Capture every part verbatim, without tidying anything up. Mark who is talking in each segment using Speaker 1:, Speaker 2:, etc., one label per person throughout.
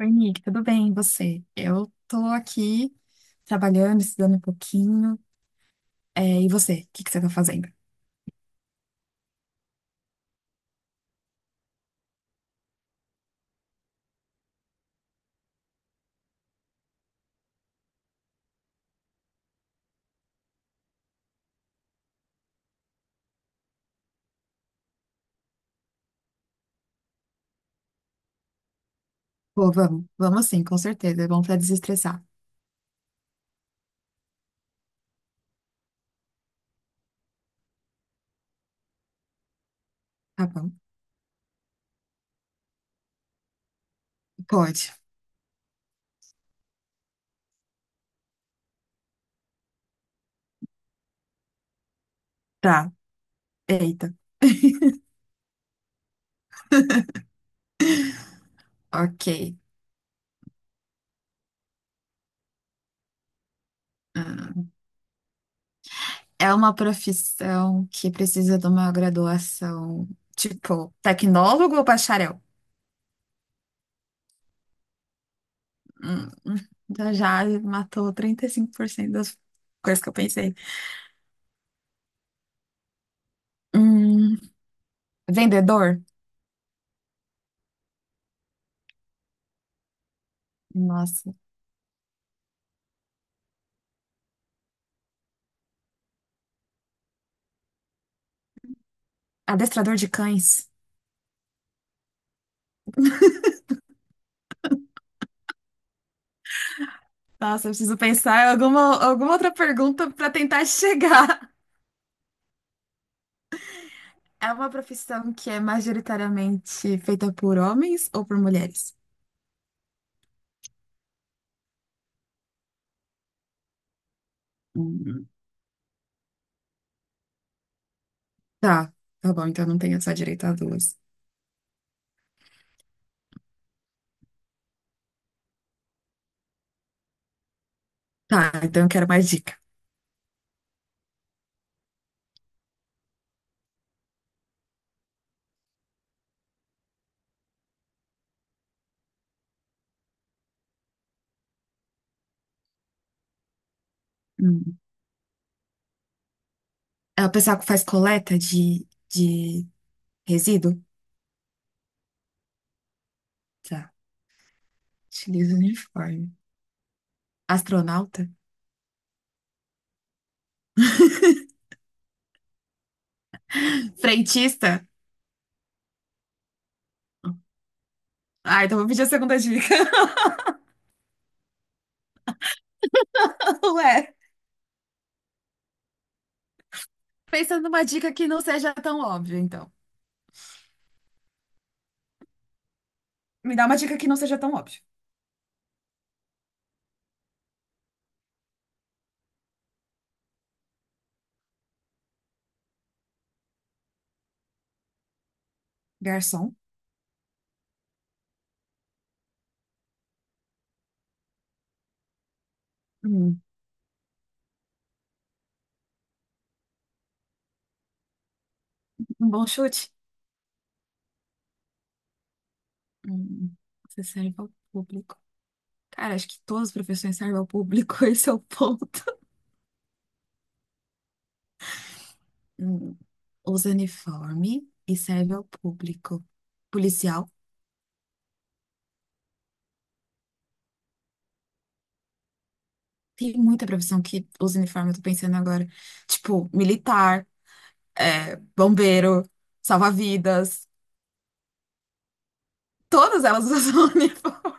Speaker 1: Oi, Nick, tudo bem? E você? Eu tô aqui trabalhando, estudando um pouquinho. É, e você? O que que você tá fazendo? Pô, vamos, vamos sim, com certeza. É bom pra desestressar. Tá bom, pode. Tá, eita. Ok. Ah, É uma profissão que precisa de uma graduação, tipo, tecnólogo ou bacharel? Hum, hum, já já matou trinta e cinco por cento das coisas que eu pensei. Hum, vendedor? Nossa. Adestrador de cães? Nossa, eu preciso pensar em alguma, alguma outra pergunta para tentar chegar. É uma profissão que é majoritariamente feita por homens ou por mulheres? Hum, Tá, tá bom, então não tenho só direito a duas. Tá, então eu quero mais dica. Hum. É o pessoal que faz coleta de, de resíduo? Tá, utiliza o uniforme. Astronauta? Frentista? Ah, então vou pedir a segunda dica. Ué, pensando numa dica que não seja tão óbvia, então. Me dá uma dica que não seja tão óbvia. Garçom? Hum, um bom chute? Hum, você serve ao público. Cara, acho que todas as profissões servem ao público, esse é o ponto. Hum, usa uniforme e serve ao público. Policial. Tem muita profissão que usa uniforme, eu tô pensando agora. Tipo, militar, é, bombeiro, salva-vidas. Todas elas usam uniforme.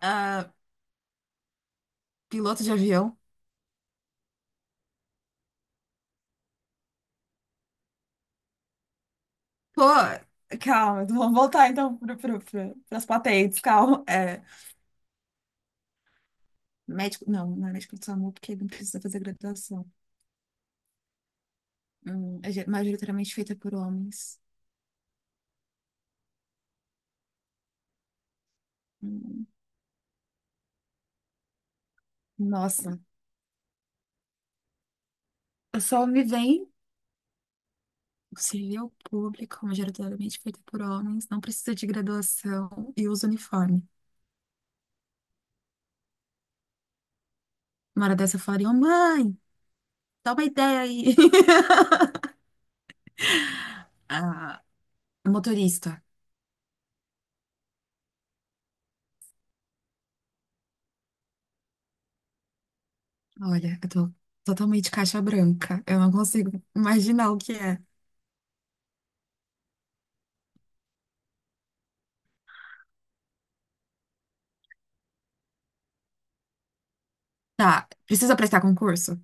Speaker 1: Ah, piloto de avião. Pô, calma, vamos voltar então para as patentes, calma. É, médico, não, não é médico do SAMU, porque não precisa fazer graduação. Hum, é ge- majoritariamente feita por homens. Hum, nossa, só me vem o civil público, majoritariamente feita por homens, não precisa de graduação e usa uniforme. Uma hora dessa eu falaria, ô mãe, dá uma ideia aí. Ah, motorista. Olha, eu tô totalmente caixa branca. Eu não consigo imaginar o que é. Tá, precisa prestar concurso?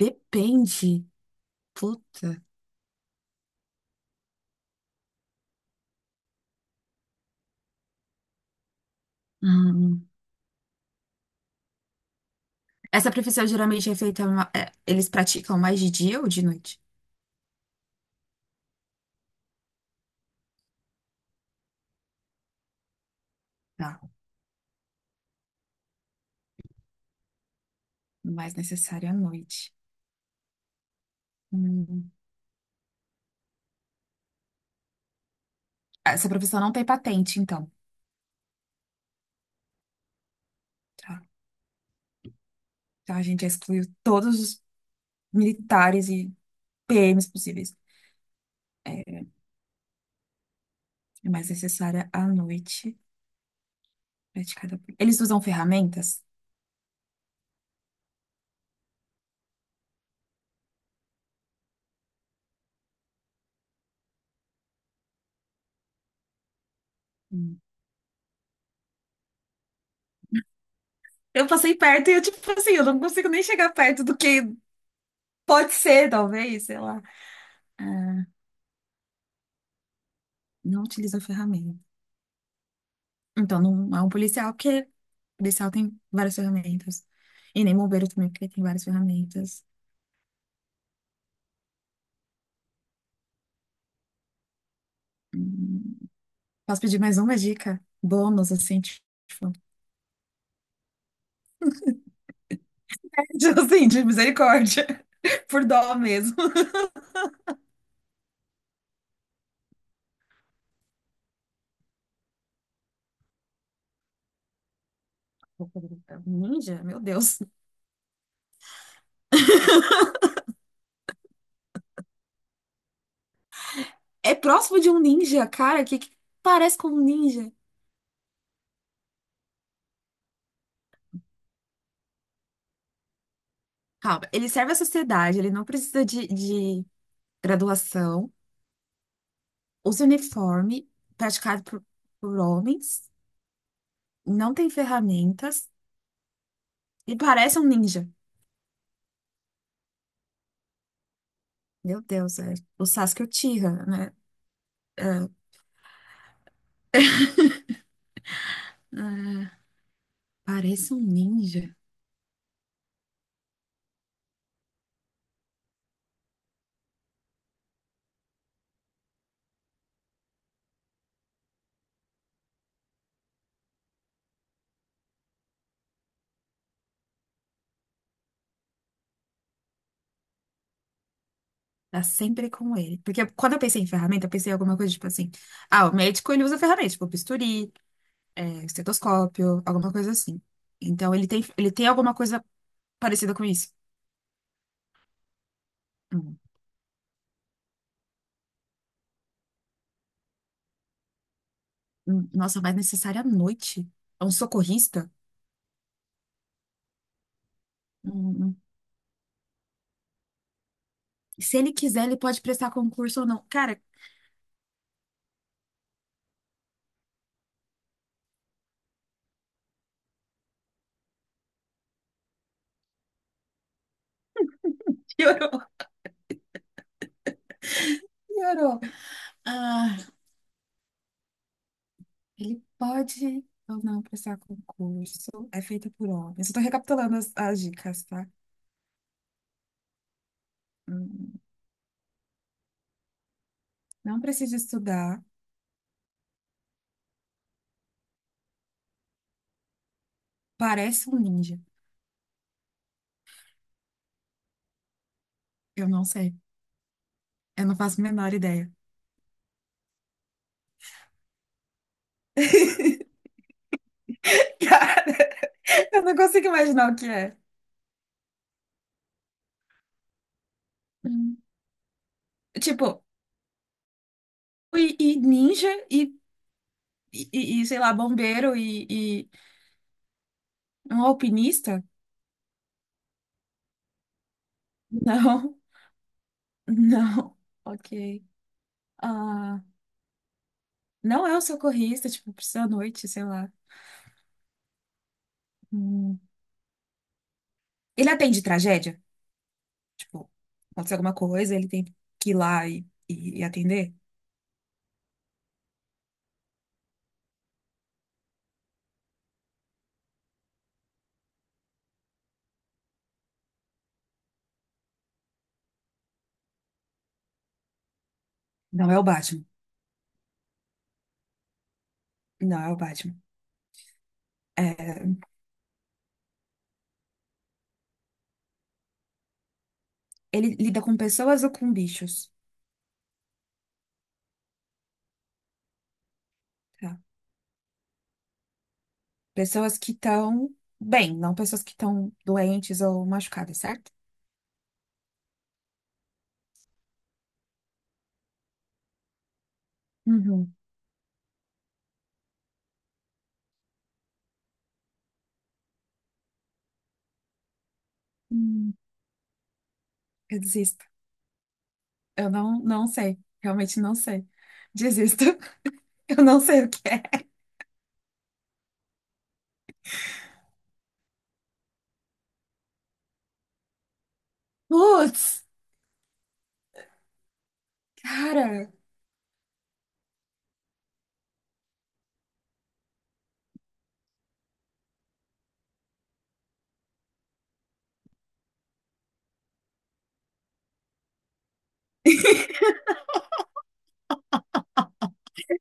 Speaker 1: Depende. Puta. Hum, Essa profissão geralmente é feita, ma- é, eles praticam mais de dia ou de noite? Tá, o mais necessário é à noite. Hum. Essa profissão não tem patente, então. Tá. Então a gente já excluiu todos os militares e P Ms possíveis. É, é mais necessária à noite, praticada por... Eles usam ferramentas? Hum. Eu passei perto e eu, tipo assim, eu não consigo nem chegar perto do que pode ser, talvez, sei lá. É, não utiliza ferramenta. Então não é um policial, porque policial tem várias ferramentas. E nem bombeiro também, porque tem várias ferramentas. Hum, Posso pedir mais uma dica? Bônus, assim, tipo, assim, de misericórdia, por dó mesmo. Ninja? Meu Deus. É próximo de um ninja, cara, que, que parece com um ninja. Calma, ele serve à sociedade, ele não precisa de, de graduação, usa uniforme praticado por, por homens, não tem ferramentas e parece um ninja. Meu Deus, é o Sasuke Uchiha, né? Ah, ah, parece um ninja. Tá sempre com ele. Porque quando eu pensei em ferramenta, eu pensei em alguma coisa tipo assim. Ah, o médico ele usa ferramenta, tipo bisturi, é, estetoscópio, alguma coisa assim. Então ele tem, ele tem alguma coisa parecida com isso. Hum, hum, nossa, mas necessária à noite. É um socorrista? Hum, hum. Se ele quiser, ele pode prestar concurso ou não. Cara, piorou, piorou. Ah, ele pode ou não prestar concurso. É feita por homens. Eu tô recapitulando as, as dicas, tá? Hum, hum. Não precisa estudar. Parece um ninja. Eu não sei. Eu não faço a menor ideia. Cara, eu não consigo imaginar o que é. Hum. Tipo, e, e ninja e, e, e, sei lá, bombeiro e, e um alpinista? Não, não. Ok. Ah, não é o socorrista, tipo, precisa à noite, sei lá. Hum. Ele atende tragédia? Tipo, acontece alguma coisa, ele tem que ir lá e, e, e atender? Não é o Batman. Não é o Batman. É, ele lida com pessoas ou com bichos? Tá. Pessoas que estão bem, não pessoas que estão doentes ou machucadas, certo? Uhum. Hum, eu desisto. Eu não, não sei. Realmente não sei. Desisto. Eu não sei o que é. Putz, cara.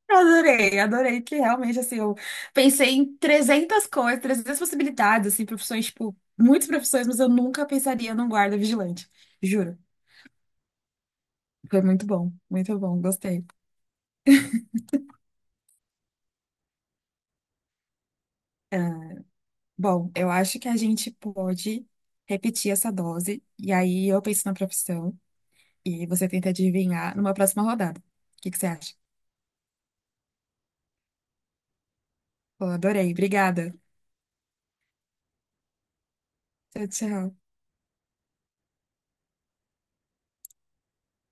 Speaker 1: Adorei, adorei que realmente, assim, eu pensei em trezentas coisas, trezentas possibilidades, assim, profissões, tipo, muitas profissões, mas eu nunca pensaria num guarda vigilante, juro. Foi muito bom, muito bom, gostei. É, bom, eu acho que a gente pode repetir essa dose, e aí eu penso na profissão, e você tenta adivinhar numa próxima rodada. O que que você acha? Pô, adorei, obrigada. Tchau, tchau.